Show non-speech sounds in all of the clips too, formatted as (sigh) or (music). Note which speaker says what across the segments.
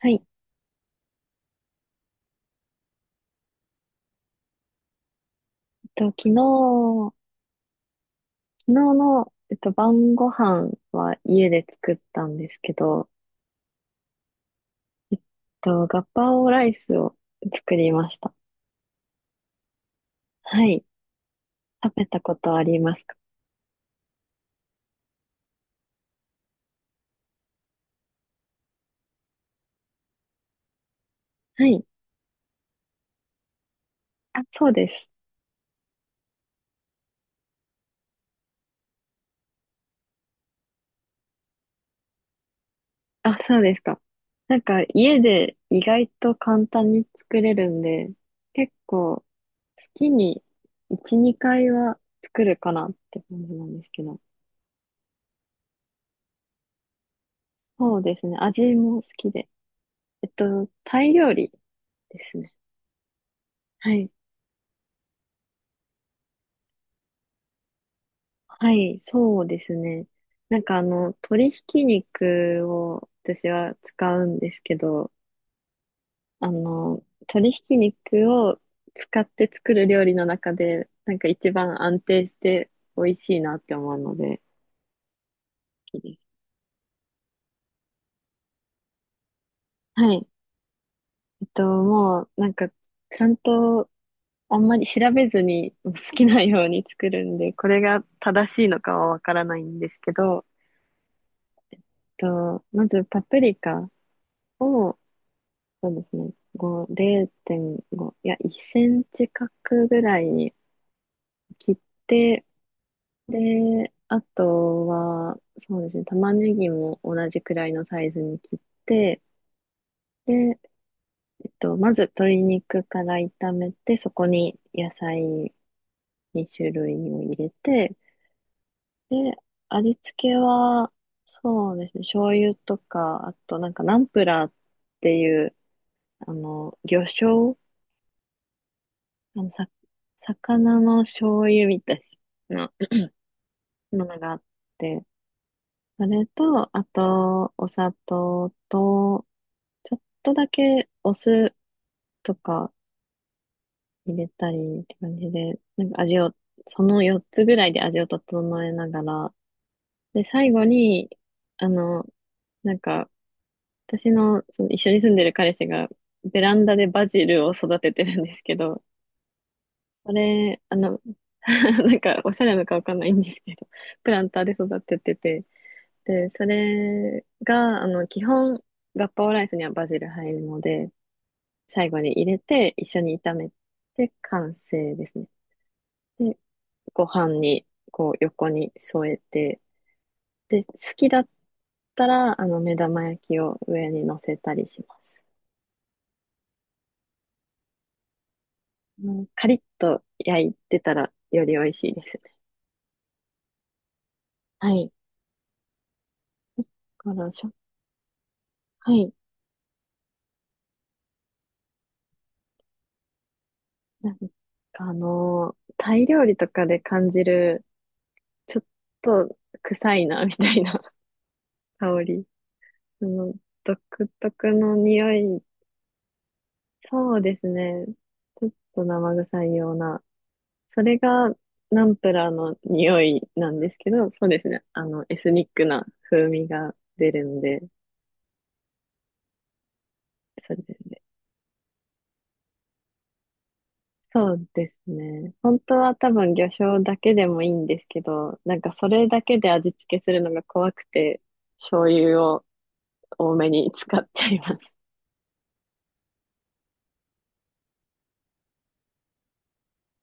Speaker 1: はい。と、昨日、昨日の晩ご飯は家で作ったんですけど、えっガパオライスを作りました。はい。食べたことありますか？はい。あ、そうです。あ、そうですか。なんか、家で意外と簡単に作れるんで、結構、月に1、2回は作るかなって感じなんですけど。そうですね。味も好きで。タイ料理ですね。はい。はい、そうですね。なんか鶏ひき肉を私は使うんですけど、鶏ひき肉を使って作る料理の中で、なんか一番安定して美味しいなって思うので、好きです。はい。もうなんか、ちゃんとあんまり調べずに好きなように作るんで、これが正しいのかはわからないんですけど、まずパプリカを、そうですね。5、0.5、いや、1センチ角ぐらいに切って、で、あとは、そうですね、玉ねぎも同じくらいのサイズに切って、で、まず鶏肉から炒めて、そこに野菜2種類を入れて、で、味付けは、そうですね、醤油とか、あとなんかナンプラーっていう、魚醤あの、さ、魚の醤油みたいなものがあって、それと、あと、お砂糖と、ちょっとだけお酢とか入れたりって感じで、なんか味を、その4つぐらいで味を整えながら、で、最後に、あの、なんか、私の、その一緒に住んでる彼氏が、ベランダでバジルを育ててるんですけど、それ、(laughs) なんか、おしゃれなのかわかんないんですけど、プランターで育ててて、で、それが、基本、ガッパオライスにはバジル入るので、最後に入れて、一緒に炒めて、完成ですね。で、ご飯に、こう、横に添えて、で、好きだったら、目玉焼きを上に乗せたりします。うん。カリッと焼いてたら、より美味しいですね。はい。だからしょ、はい。なんかタイ料理とかで感じる、ちょっと臭いな、みたいな (laughs) 香り。その、独特の匂い。そうですね。ちょっと生臭いような。それがナンプラーの匂いなんですけど、そうですね。エスニックな風味が出るんで、それで。そうですね。本当は多分魚醤だけでもいいんですけど、なんかそれだけで味付けするのが怖くて、醤油を多めに使っちゃいます。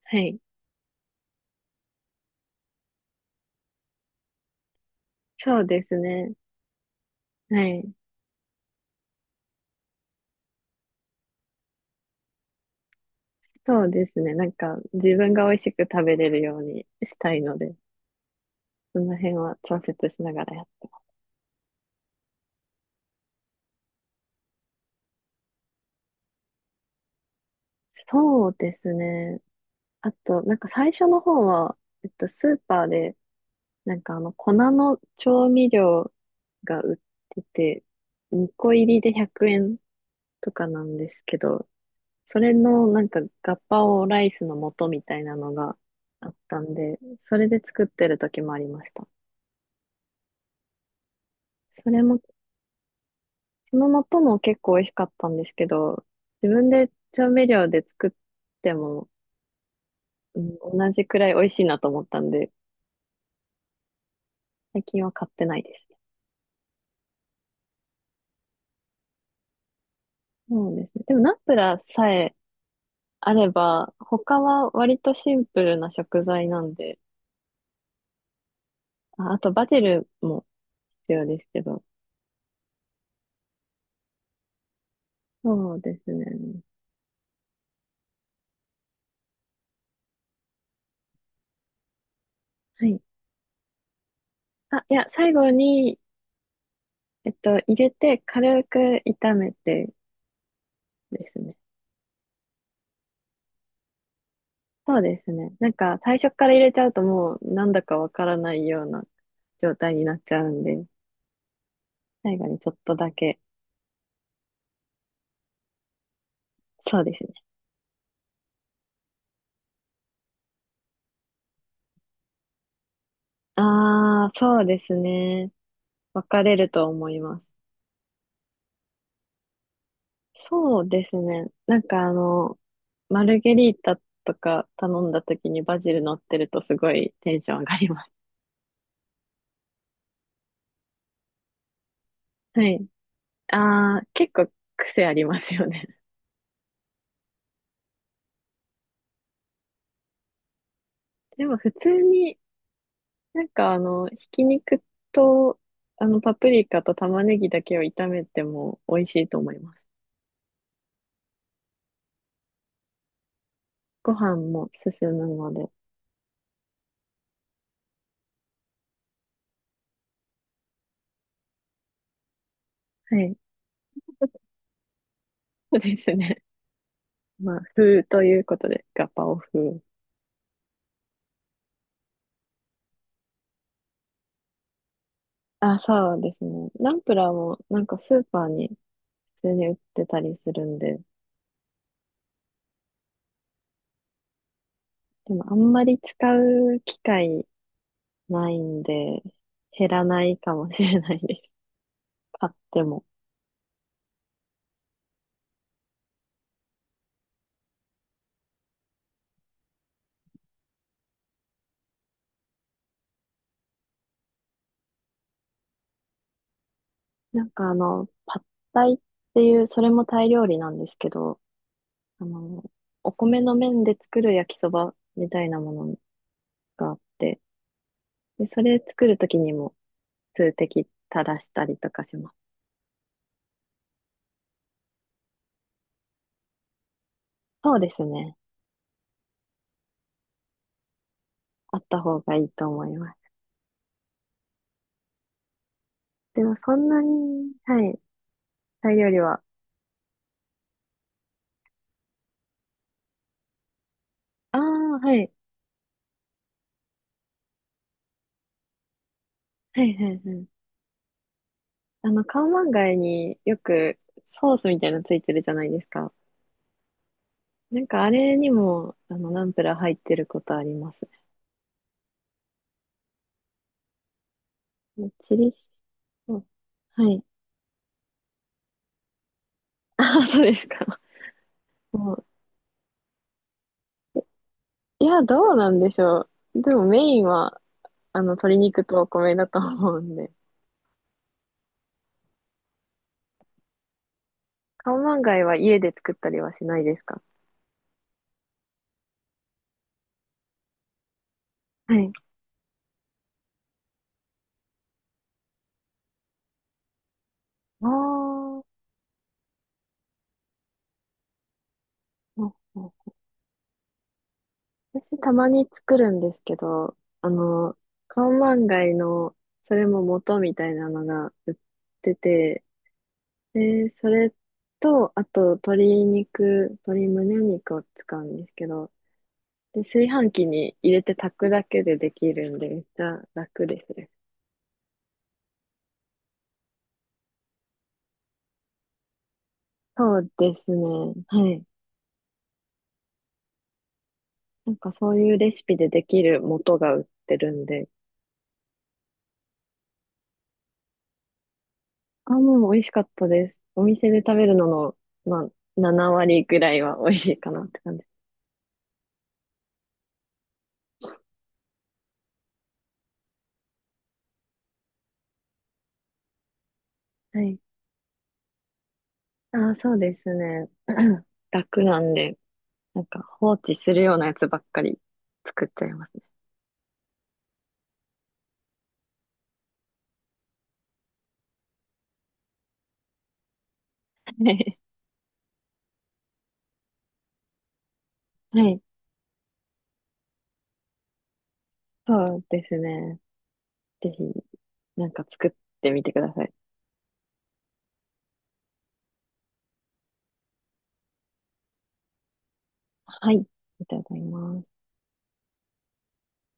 Speaker 1: はい。そうですね。はい。そうですね。なんか、自分が美味しく食べれるようにしたいので、その辺は調節しながらやってます。そうですね。あと、なんか最初の方は、スーパーで、なんか粉の調味料が売ってて、2個入りで100円とかなんですけど、それのなんかガパオライスの素みたいなのがあったんで、それで作ってる時もありました。それも、その素も結構美味しかったんですけど、自分で調味料で作っても、うん、同じくらい美味しいなと思ったんで、最近は買ってないですね。そうですね。でもナンプラーさえあれば、他は割とシンプルな食材なんで、あ、あとバジルも必要ですけど、そうですね。はい。あ、いや、最後に、入れて軽く炒めてですね。そうですね。なんか最初から入れちゃうともうなんだかわからないような状態になっちゃうんで、最後にちょっとだけ。そうですね。ああ、そうですね。分かれると思います。そうですね。なんかマルゲリータとか頼んだ時にバジル乗ってるとすごいテンション上がります。はい。ああ、結構癖ありますよね。でも普通になんかひき肉と、パプリカと玉ねぎだけを炒めても美味しいと思います。ご飯も進むので。はい。そうですね。(laughs) まあ、風ということで、ガパオ風。あ、そうですね。ナンプラーもなんかスーパーに普通に売ってたりするんで、でもあんまり使う機会ないんで、減らないかもしれないです。(laughs) 買っても。なんかパッタイっていう、それもタイ料理なんですけど、あの、お米の麺で作る焼きそばみたいなものがあって、で、それ作るときにも数滴垂らしたりとかします。そうですね。あった方がいいと思います。でもそんなに、はい、タイ料理は。ああ、はい、はい、はい、はい。カオマンガイによくソースみたいなのついてるじゃないですか。なんかあれにも、ナンプラー入ってることありますね。チリソース、はい。ああ、そうですか。もいや、どうなんでしょう。でもメインは、鶏肉とお米だと思うんで。カオマンガイは家で作ったりはしないですか？はい。ああ。うんうん、私たまに作るんですけど、あの、カオマンガイの、それも元みたいなのが売ってて、で、それと、あと、鶏肉、鶏胸肉を使うんですけど、で、炊飯器に入れて炊くだけでできるんで、めっちゃ楽ですね。そうですね。はい。なんかそういうレシピでできる素が売ってるんで。あ、もう美味しかったです。お店で食べるのの、まあ、7割ぐらいは美味しいかなって感じ。はい。あ、そうですね。楽なんで、なんか放置するようなやつばっかり作っちゃいますね。(laughs) はい。そうですね。ぜひ、なんか作ってみてください。はい。いただきます。